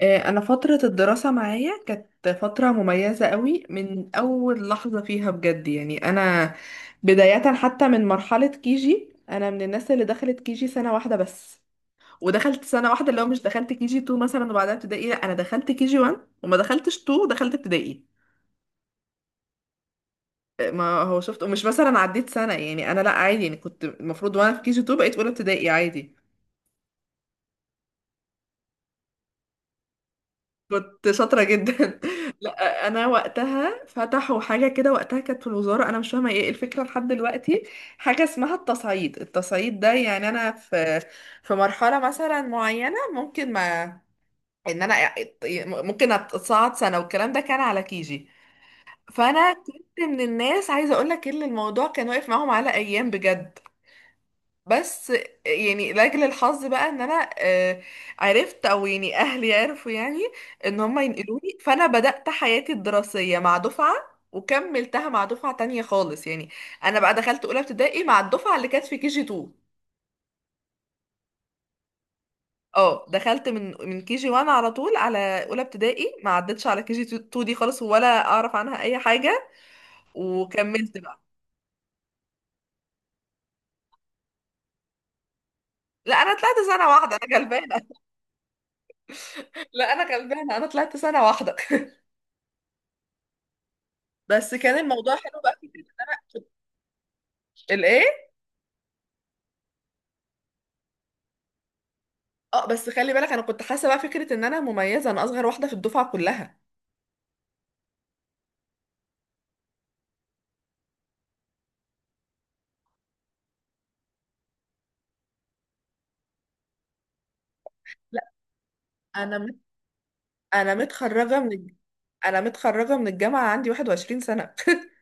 انا فترة الدراسة معايا كانت فترة مميزة قوي من اول لحظة فيها بجد، يعني انا بداية حتى من مرحلة كيجي. انا من الناس اللي دخلت كيجي سنة واحدة بس، ودخلت سنة واحدة اللي هو مش دخلت كيجي 2 مثلا وبعدها ابتدائي. لا، انا دخلت كيجي 1 وما دخلتش 2، دخلت ابتدائي. ما هو شفت ومش مثلا عديت سنة، يعني انا لا، عادي، يعني كنت المفروض وانا في كيجي 2 بقيت اولى ابتدائي عادي. كنت شاطرة جدا. لا، أنا وقتها فتحوا حاجة كده وقتها كانت في الوزارة، أنا مش فاهمة إيه الفكرة لحد دلوقتي. حاجة اسمها التصعيد، التصعيد ده يعني أنا في مرحلة مثلا معينة ممكن، ما إن أنا ممكن أتصعد سنة والكلام ده كان على كيجي. فأنا كنت من الناس عايزة أقول لك إن الموضوع كان واقف معاهم على أيام بجد، بس يعني لاجل الحظ بقى ان انا عرفت، او يعني اهلي عرفوا يعني ان هم ينقلوني. فانا بدأت حياتي الدراسية مع دفعة، وكملتها مع دفعة تانية خالص يعني، انا بقى دخلت اولى ابتدائي مع الدفعة اللي كانت في كي جي 2. اه دخلت من كي جي 1 على طول، على اولى ابتدائي، ما عدتش على كي جي 2 دي خالص ولا اعرف عنها اي حاجة، وكملت بقى. لا انا طلعت سنة واحدة، انا غلبانة. لا انا غلبانة، انا طلعت سنة واحدة. بس كان الموضوع حلو بقى في كده. الايه؟ اه بس خلي بالك انا كنت حاسه بقى فكره ان انا مميزه، انا اصغر واحده في الدفعه كلها. لا، انا مت... انا متخرجه من الج- انا متخرجه من الجامعه عندي 21 سنه.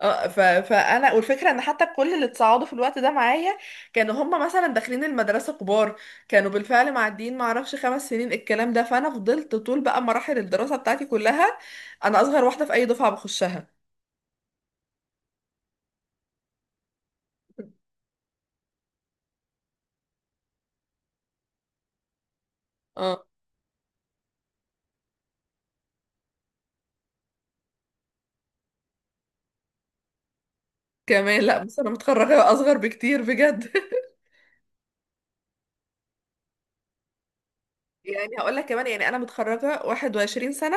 اه فانا، والفكره ان حتى كل اللي اتصعدوا في الوقت ده معايا كانوا هم مثلا داخلين المدرسه كبار، كانوا بالفعل معديين ما اعرفش خمس سنين الكلام ده، فانا فضلت طول بقى مراحل الدراسه بتاعتي كلها، انا اصغر واحده في اي دفعه بخشها. اه كمان، لا بس انا متخرجه اصغر بكتير بجد. يعني هقول لك كمان، يعني انا متخرجه 21 سنه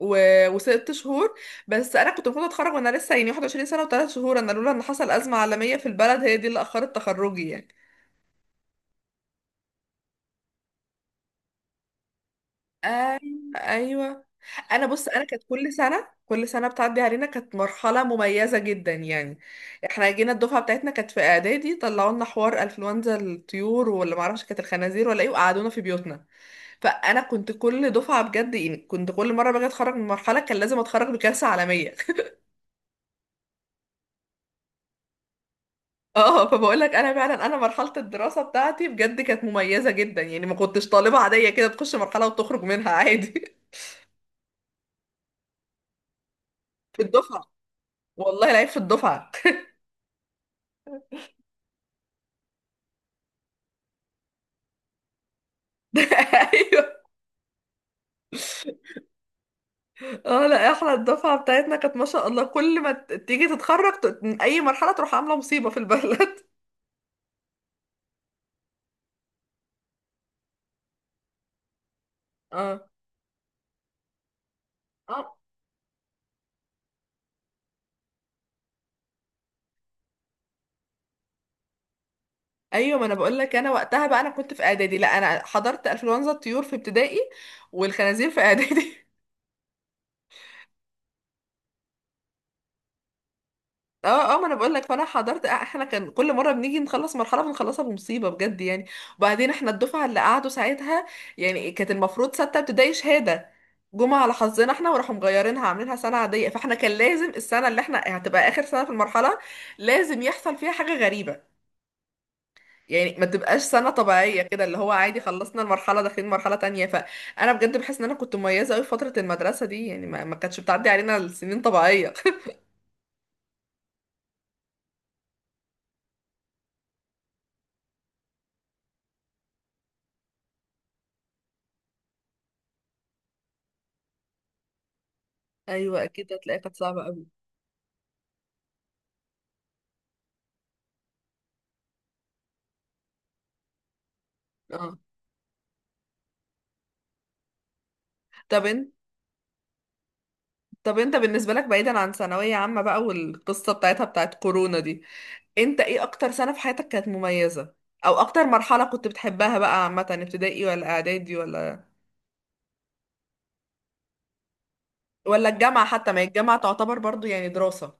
و... وست شهور. بس انا كنت المفروض اتخرج وانا لسه يعني 21 سنه وثلاث شهور، انا لولا ان حصل ازمه عالميه في البلد هي دي اللي اخرت تخرجي يعني. ايوه. ايوه. انا بص، انا كانت كل سنه كل سنه بتعدي علينا كانت مرحله مميزه جدا يعني. احنا جينا الدفعه بتاعتنا كانت في اعدادي طلعوا لنا حوار انفلونزا الطيور، ولا ما اعرفش كانت الخنازير ولا ايه، وقعدونا في بيوتنا. فانا كنت كل دفعه بجد يعني، كنت كل مره باجي اتخرج من مرحله كان لازم اتخرج بكارثه عالميه. اه فبقول لك انا فعلا، انا مرحله الدراسه بتاعتي بجد كانت مميزه جدا يعني، ما كنتش طالبه عاديه كده تخش مرحله وتخرج منها عادي. في الدفعه، والله العيب في الدفعه. ايوه. اه لا، احنا الدفعه بتاعتنا كانت ما شاء الله كل ما تيجي تتخرج من اي مرحله تروح عامله مصيبه في البلد. اه. اه. ايوه، ما انا بقول لك، انا وقتها بقى انا كنت في اعدادي. لا، انا حضرت انفلونزا الطيور في ابتدائي، والخنازير في اعدادي. اه. اه. ما انا بقول لك، فانا حضرت، احنا كان كل مره بنيجي نخلص مرحله بنخلصها بمصيبه بجد يعني. وبعدين احنا الدفعه اللي قعدوا ساعتها، يعني كانت المفروض سته ابتدائي شهاده، جمعه على حظنا احنا وراحوا مغيرينها عاملينها سنه عاديه. فاحنا كان لازم السنه اللي احنا هتبقى اخر سنه في المرحله لازم يحصل فيها حاجه غريبه، يعني ما تبقاش سنه طبيعيه كده اللي هو عادي خلصنا المرحله داخلين مرحله تانية. فانا بجد بحس ان انا كنت مميزه قوي في فتره المدرسه دي يعني، ما كانتش بتعدي علينا السنين طبيعيه. ايوه اكيد، هتلاقيها كانت صعبه قوي. اه طب انت طب انت بالنسبة لك، بعيدا عن ثانوية عامة بقى والقصة بتاعتها بتاعت كورونا دي، انت ايه اكتر سنة في حياتك كانت مميزة، او اكتر مرحلة كنت بتحبها بقى عامة؟ ابتدائي ولا اعدادي ولا الجامعة حتى، ما هي الجامعة تعتبر برضو يعني دراسة.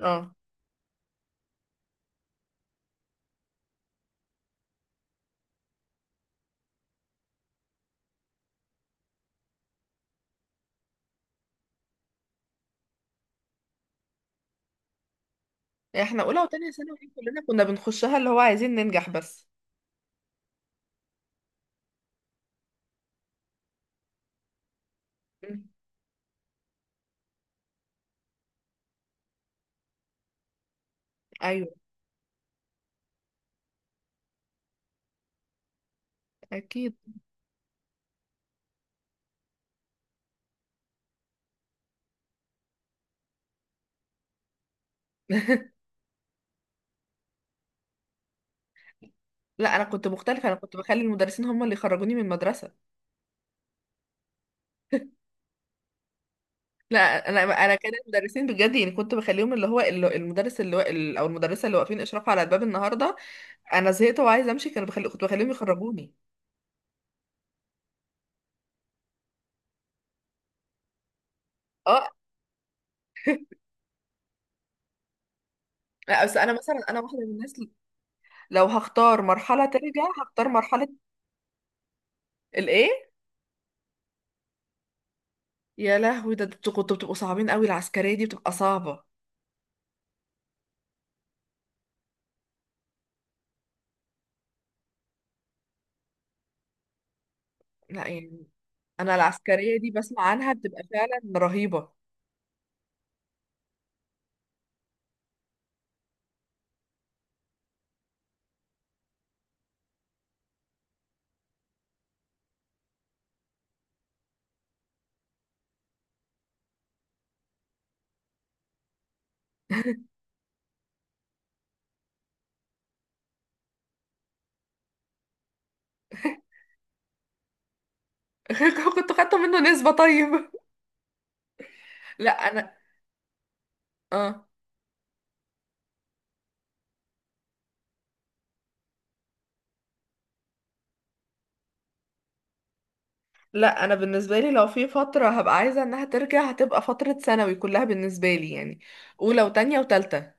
اه احنا اولى وتانية ثانوي دي كلنا كنا بنخشها، اللي هو عايزين ننجح بس. مم. ايوه اكيد. لا انا كنت مختلفة، انا كنت بخلي المدرسين هم اللي يخرجوني من المدرسة. لا، انا كان المدرسين بجد يعني كنت بخليهم، اللي هو المدرس اللي او المدرسه اللي واقفين اشراف على الباب النهارده، انا زهقت وعايزه امشي، كانوا بخلي كنت بخليهم يخرجوني. اه لا، بس انا مثلا انا واحده من الناس، لو هختار مرحله ترجع هختار مرحله. الايه؟ يا لهوي، ده انتوا كنتوا بتبقوا صعبين قوي، العسكريه دي بتبقى صعبه. لا يعني انا العسكريه دي بسمع عنها بتبقى فعلا رهيبه. كنت خدت منه نسبه طيب. لا انا. اه. لا انا بالنسبه لي لو في فتره هبقى عايزه انها ترجع هتبقى فتره ثانوي كلها بالنسبه لي يعني، اولى وتانية وتالتة.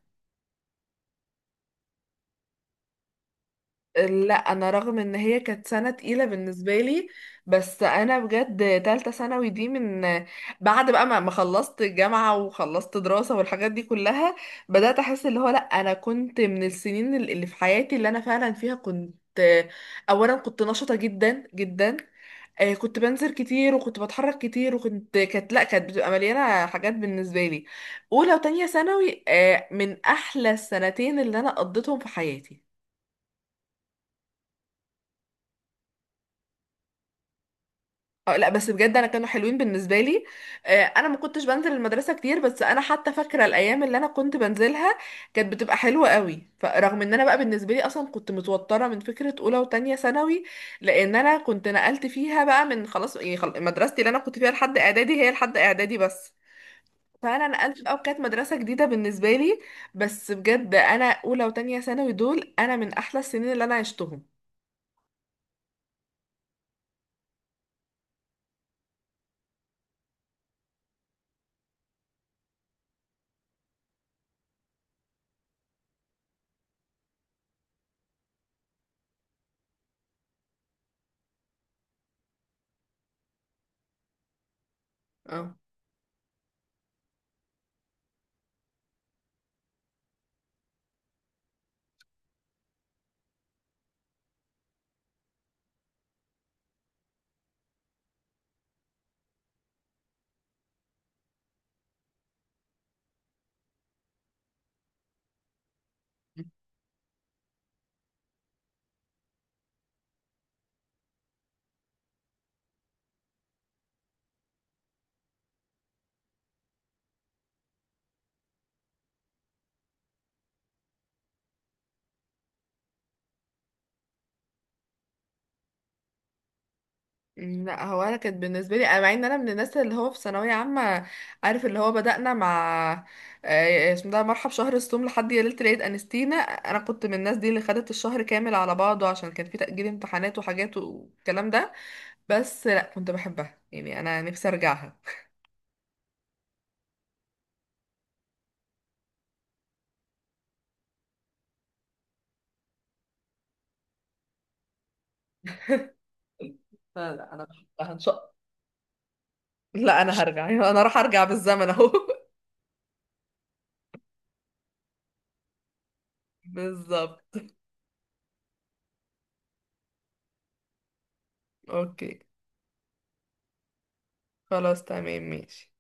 لا انا رغم ان هي كانت سنه تقيله بالنسبه لي، بس انا بجد تالتة ثانوي دي من بعد بقى ما خلصت الجامعه وخلصت دراسه والحاجات دي كلها، بدات احس اللي هو لا، انا كنت من السنين اللي في حياتي اللي انا فعلا فيها كنت، اولا كنت نشطه جدا جدا. كنت بنزل كتير وكنت بتحرك كتير، وكنت كانت لا كانت بتبقى مليانه حاجات بالنسبه لي. اولى وتانية ثانوي، من احلى السنتين اللي انا قضيتهم في حياتي. لا بس بجد انا كانوا حلوين بالنسبه لي. انا ما كنتش بنزل المدرسه كتير، بس انا حتى فاكره الايام اللي انا كنت بنزلها كانت بتبقى حلوه قوي. فرغم ان انا بقى بالنسبه لي اصلا كنت متوتره من فكره اولى وتانية ثانوي، لان انا كنت نقلت فيها بقى من خلاص يعني، مدرستي اللي انا كنت فيها لحد اعدادي هي لحد اعدادي بس. فانا نقلت في الاول كانت مدرسه جديده بالنسبه لي، بس بجد انا اولى وتانية ثانوي دول انا من احلى السنين اللي انا عشتهم. اه. مم، لا هو انا كانت بالنسبه لي مع ان انا من الناس اللي هو في ثانويه عامه. عارف اللي هو بدانا مع اسمه ده مرحب شهر الصوم لحد يا ليله العيد انستينا، انا كنت من الناس دي اللي خدت الشهر كامل على بعضه عشان كان في تاجيل امتحانات وحاجات والكلام ده، بس لا كنت بحبها يعني انا نفسي ارجعها. لا لا، انا بحبها ان شاء. لا، انا راح ارجع بالزمن اهو. بالظبط. اوكي. خلاص تمام ماشي.